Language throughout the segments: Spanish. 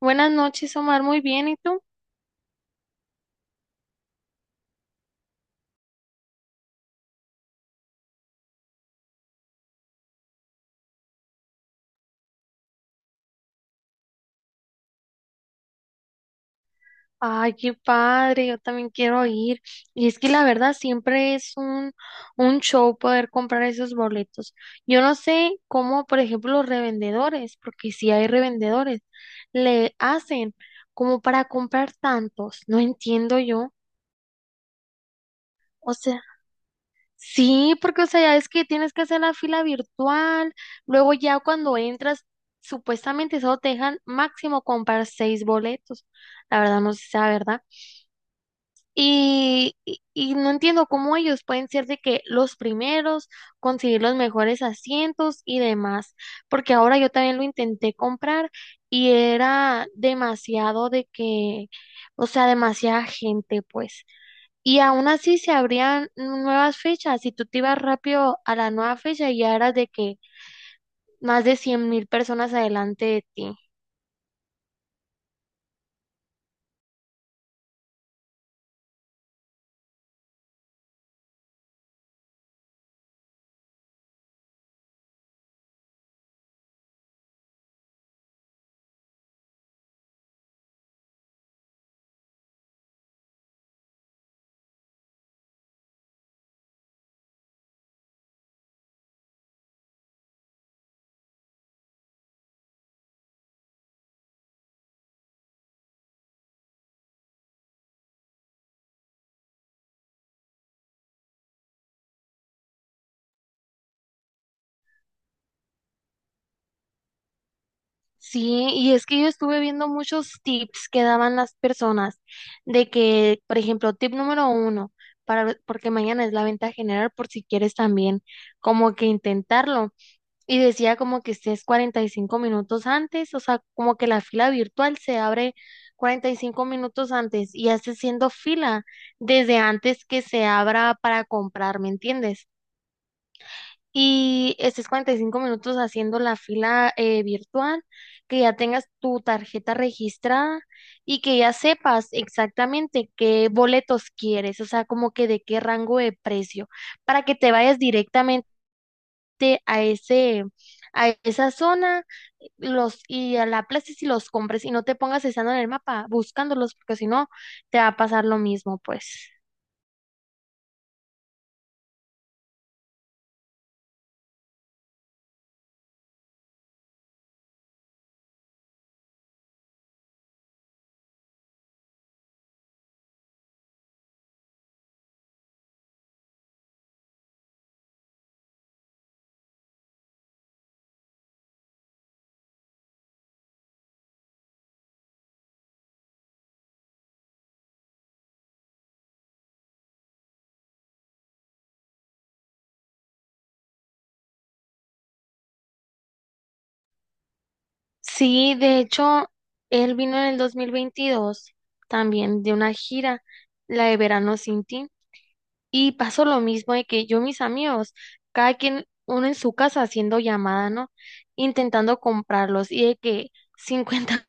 Buenas noches, Omar. Muy bien, ¿y tú? Ay, qué padre, yo también quiero ir. Y es que la verdad siempre es un show poder comprar esos boletos. Yo no sé cómo, por ejemplo, los revendedores, porque si hay revendedores, le hacen como para comprar tantos. No entiendo yo. O sea, sí, porque o sea, ya es que tienes que hacer la fila virtual, luego ya cuando entras, supuestamente solo te dejan máximo comprar seis boletos. La verdad no sé si sea verdad. Y no entiendo cómo ellos pueden ser de que los primeros, conseguir los mejores asientos y demás, porque ahora yo también lo intenté comprar y era demasiado de que, o sea, demasiada gente, pues. Y aún así se abrían nuevas fechas, si tú te ibas rápido a la nueva fecha ya eras de que más de 100,000 personas adelante de ti. Sí, y es que yo estuve viendo muchos tips que daban las personas de que, por ejemplo, tip número uno, para, porque mañana es la venta general por si quieres también como que intentarlo. Y decía como que estés 45 minutos antes, o sea, como que la fila virtual se abre 45 minutos antes y haces siendo fila desde antes que se abra para comprar, ¿me entiendes? Y estés 45 minutos haciendo la fila virtual, que ya tengas tu tarjeta registrada y que ya sepas exactamente qué boletos quieres, o sea, como que de qué rango de precio, para que te vayas directamente a ese, a esa zona los, y a la plaza y los compres y no te pongas estando en el mapa buscándolos, porque si no, te va a pasar lo mismo, pues. Sí, de hecho, él vino en el 2022 también de una gira, la de Verano Sin Ti, y pasó lo mismo de que yo, mis amigos, cada quien, uno en su casa haciendo llamada, ¿no? Intentando comprarlos y de que cincuenta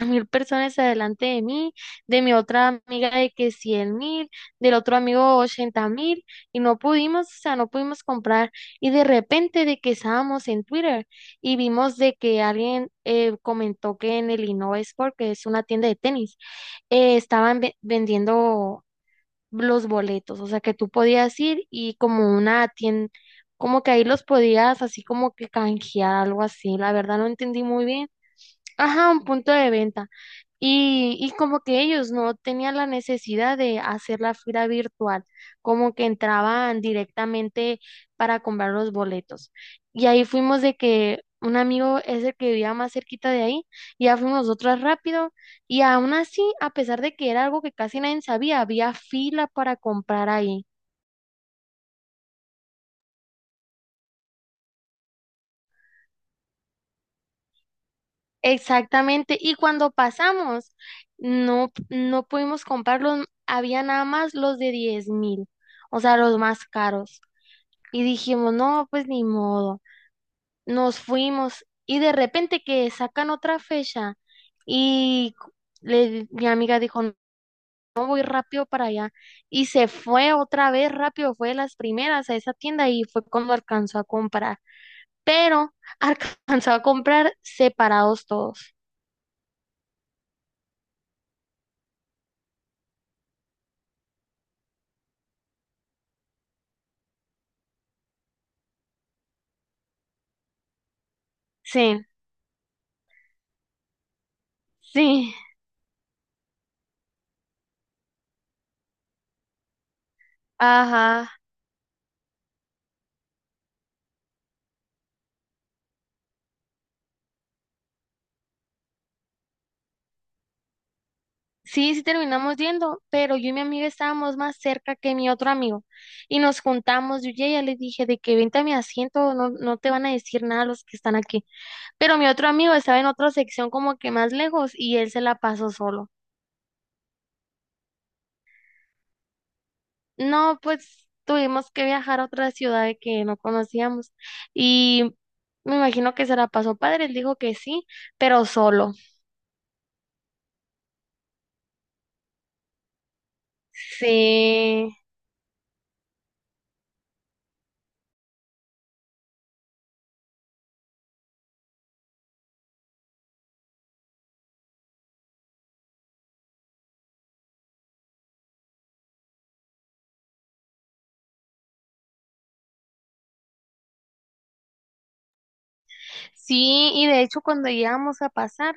mil personas adelante de mí, de mi otra amiga de que 100,000, del otro amigo 80,000, y no pudimos, o sea, no pudimos comprar. Y de repente de que estábamos en Twitter y vimos de que alguien comentó que en el Innova Sport, que es una tienda de tenis, estaban vendiendo los boletos, o sea, que tú podías ir y como una tienda, como que ahí los podías así como que canjear, algo así. La verdad no entendí muy bien. Ajá, un punto de venta. Y como que ellos no tenían la necesidad de hacer la fila virtual, como que entraban directamente para comprar los boletos. Y ahí fuimos de que un amigo es el que vivía más cerquita de ahí, y ya fuimos nosotras rápido. Y aún así, a pesar de que era algo que casi nadie sabía, había fila para comprar ahí. Exactamente, y cuando pasamos, no, no pudimos comprarlos, había nada más los de 10,000, o sea, los más caros. Y dijimos, no, pues ni modo. Nos fuimos y de repente que sacan otra fecha y mi amiga dijo, no, voy rápido para allá. Y se fue otra vez rápido, fue de las primeras a esa tienda y fue cuando alcanzó a comprar. Pero alcanzó a comprar separados todos. Sí, sí. Ajá, sí, sí terminamos yendo, pero yo y mi amiga estábamos más cerca que mi otro amigo y nos juntamos, yo ya le dije de que vente a mi asiento, no, no te van a decir nada los que están aquí, pero mi otro amigo estaba en otra sección como que más lejos y él se la pasó solo. No, pues tuvimos que viajar a otra ciudad que no conocíamos y me imagino que se la pasó padre, él dijo que sí, pero solo. Sí. Sí, y de hecho cuando llegamos a pasar,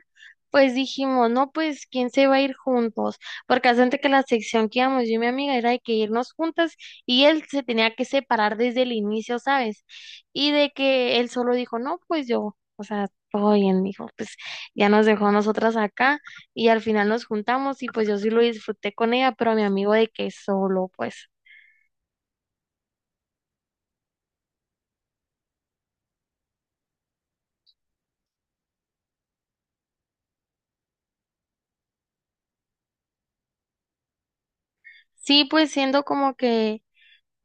pues dijimos, no, pues, ¿quién se va a ir juntos? Porque hace antes que la sección que íbamos yo y mi amiga era de que irnos juntas y él se tenía que separar desde el inicio, ¿sabes? Y de que él solo dijo, no, pues yo, o sea, todo bien, dijo, pues ya nos dejó a nosotras acá y al final nos juntamos y pues yo sí lo disfruté con ella, pero a mi amigo de que solo, pues. Sí, pues siendo como que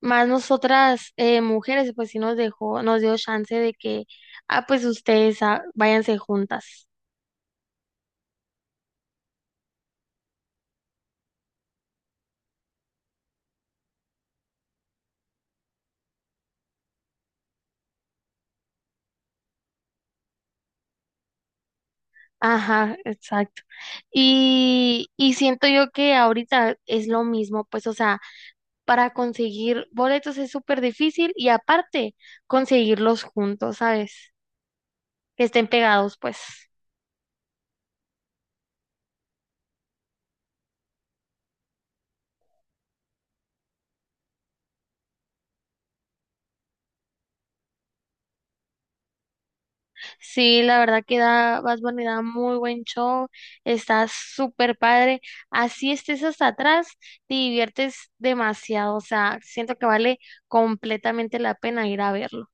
más nosotras mujeres, pues sí nos dejó, nos dio chance de que, ah, pues ustedes ah, váyanse juntas. Ajá, exacto. Y siento yo que ahorita es lo mismo, pues, o sea, para conseguir boletos es súper difícil y aparte conseguirlos juntos, ¿sabes? Que estén pegados, pues. Sí, la verdad que da, Bad Bunny da muy buen show, está súper padre. Así estés hasta atrás, te diviertes demasiado, o sea, siento que vale completamente la pena ir a verlo.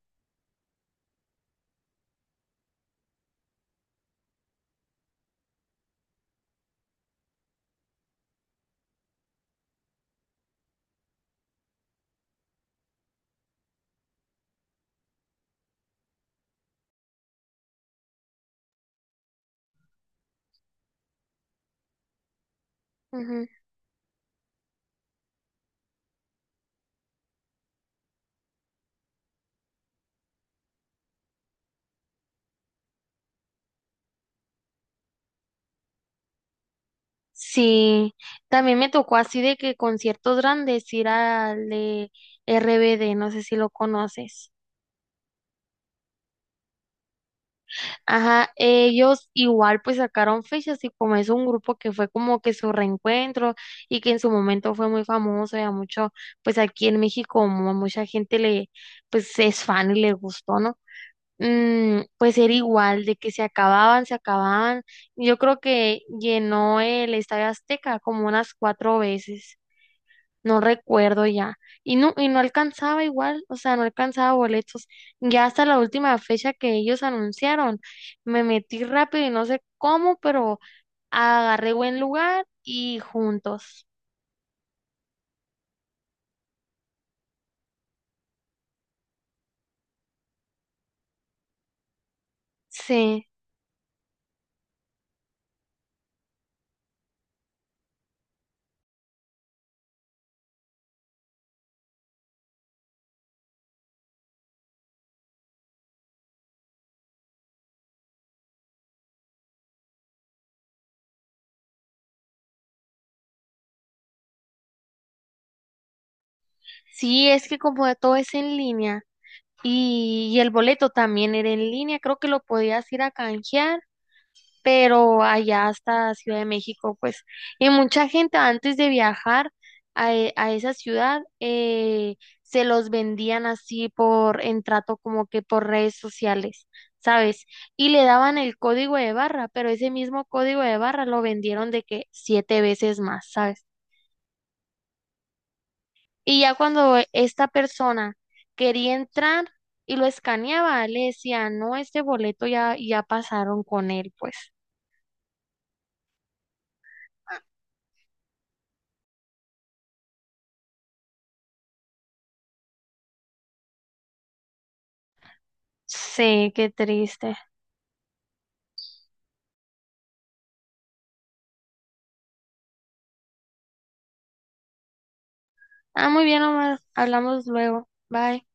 Ujú. Sí, también me tocó así de que conciertos grandes ir al de RBD, no sé si lo conoces. Ajá, ellos igual pues sacaron fechas y como es un grupo que fue como que su reencuentro y que en su momento fue muy famoso y a mucho, pues aquí en México como a mucha gente le, pues es fan y le gustó, ¿no? Mm, pues era igual de que se acababan, se acababan. Yo creo que llenó el Estadio Azteca como unas cuatro veces, no recuerdo ya. Y no alcanzaba igual, o sea, no alcanzaba boletos. Ya hasta la última fecha que ellos anunciaron, me metí rápido y no sé cómo, pero agarré buen lugar y juntos. Sí, sí, es que como de todo es en línea y el boleto también era en línea, creo que lo podías ir a canjear, pero allá hasta Ciudad de México, pues, y mucha gente antes de viajar a esa ciudad se los vendían así por en trato como que por redes sociales, ¿sabes? Y le daban el código de barra, pero ese mismo código de barra lo vendieron de que siete veces más, ¿sabes? Y ya cuando esta persona quería entrar y lo escaneaba, le decía, no, este boleto ya pasaron con él, pues. Sí, qué triste. Ah, muy bien, Omar. Hablamos luego. Bye.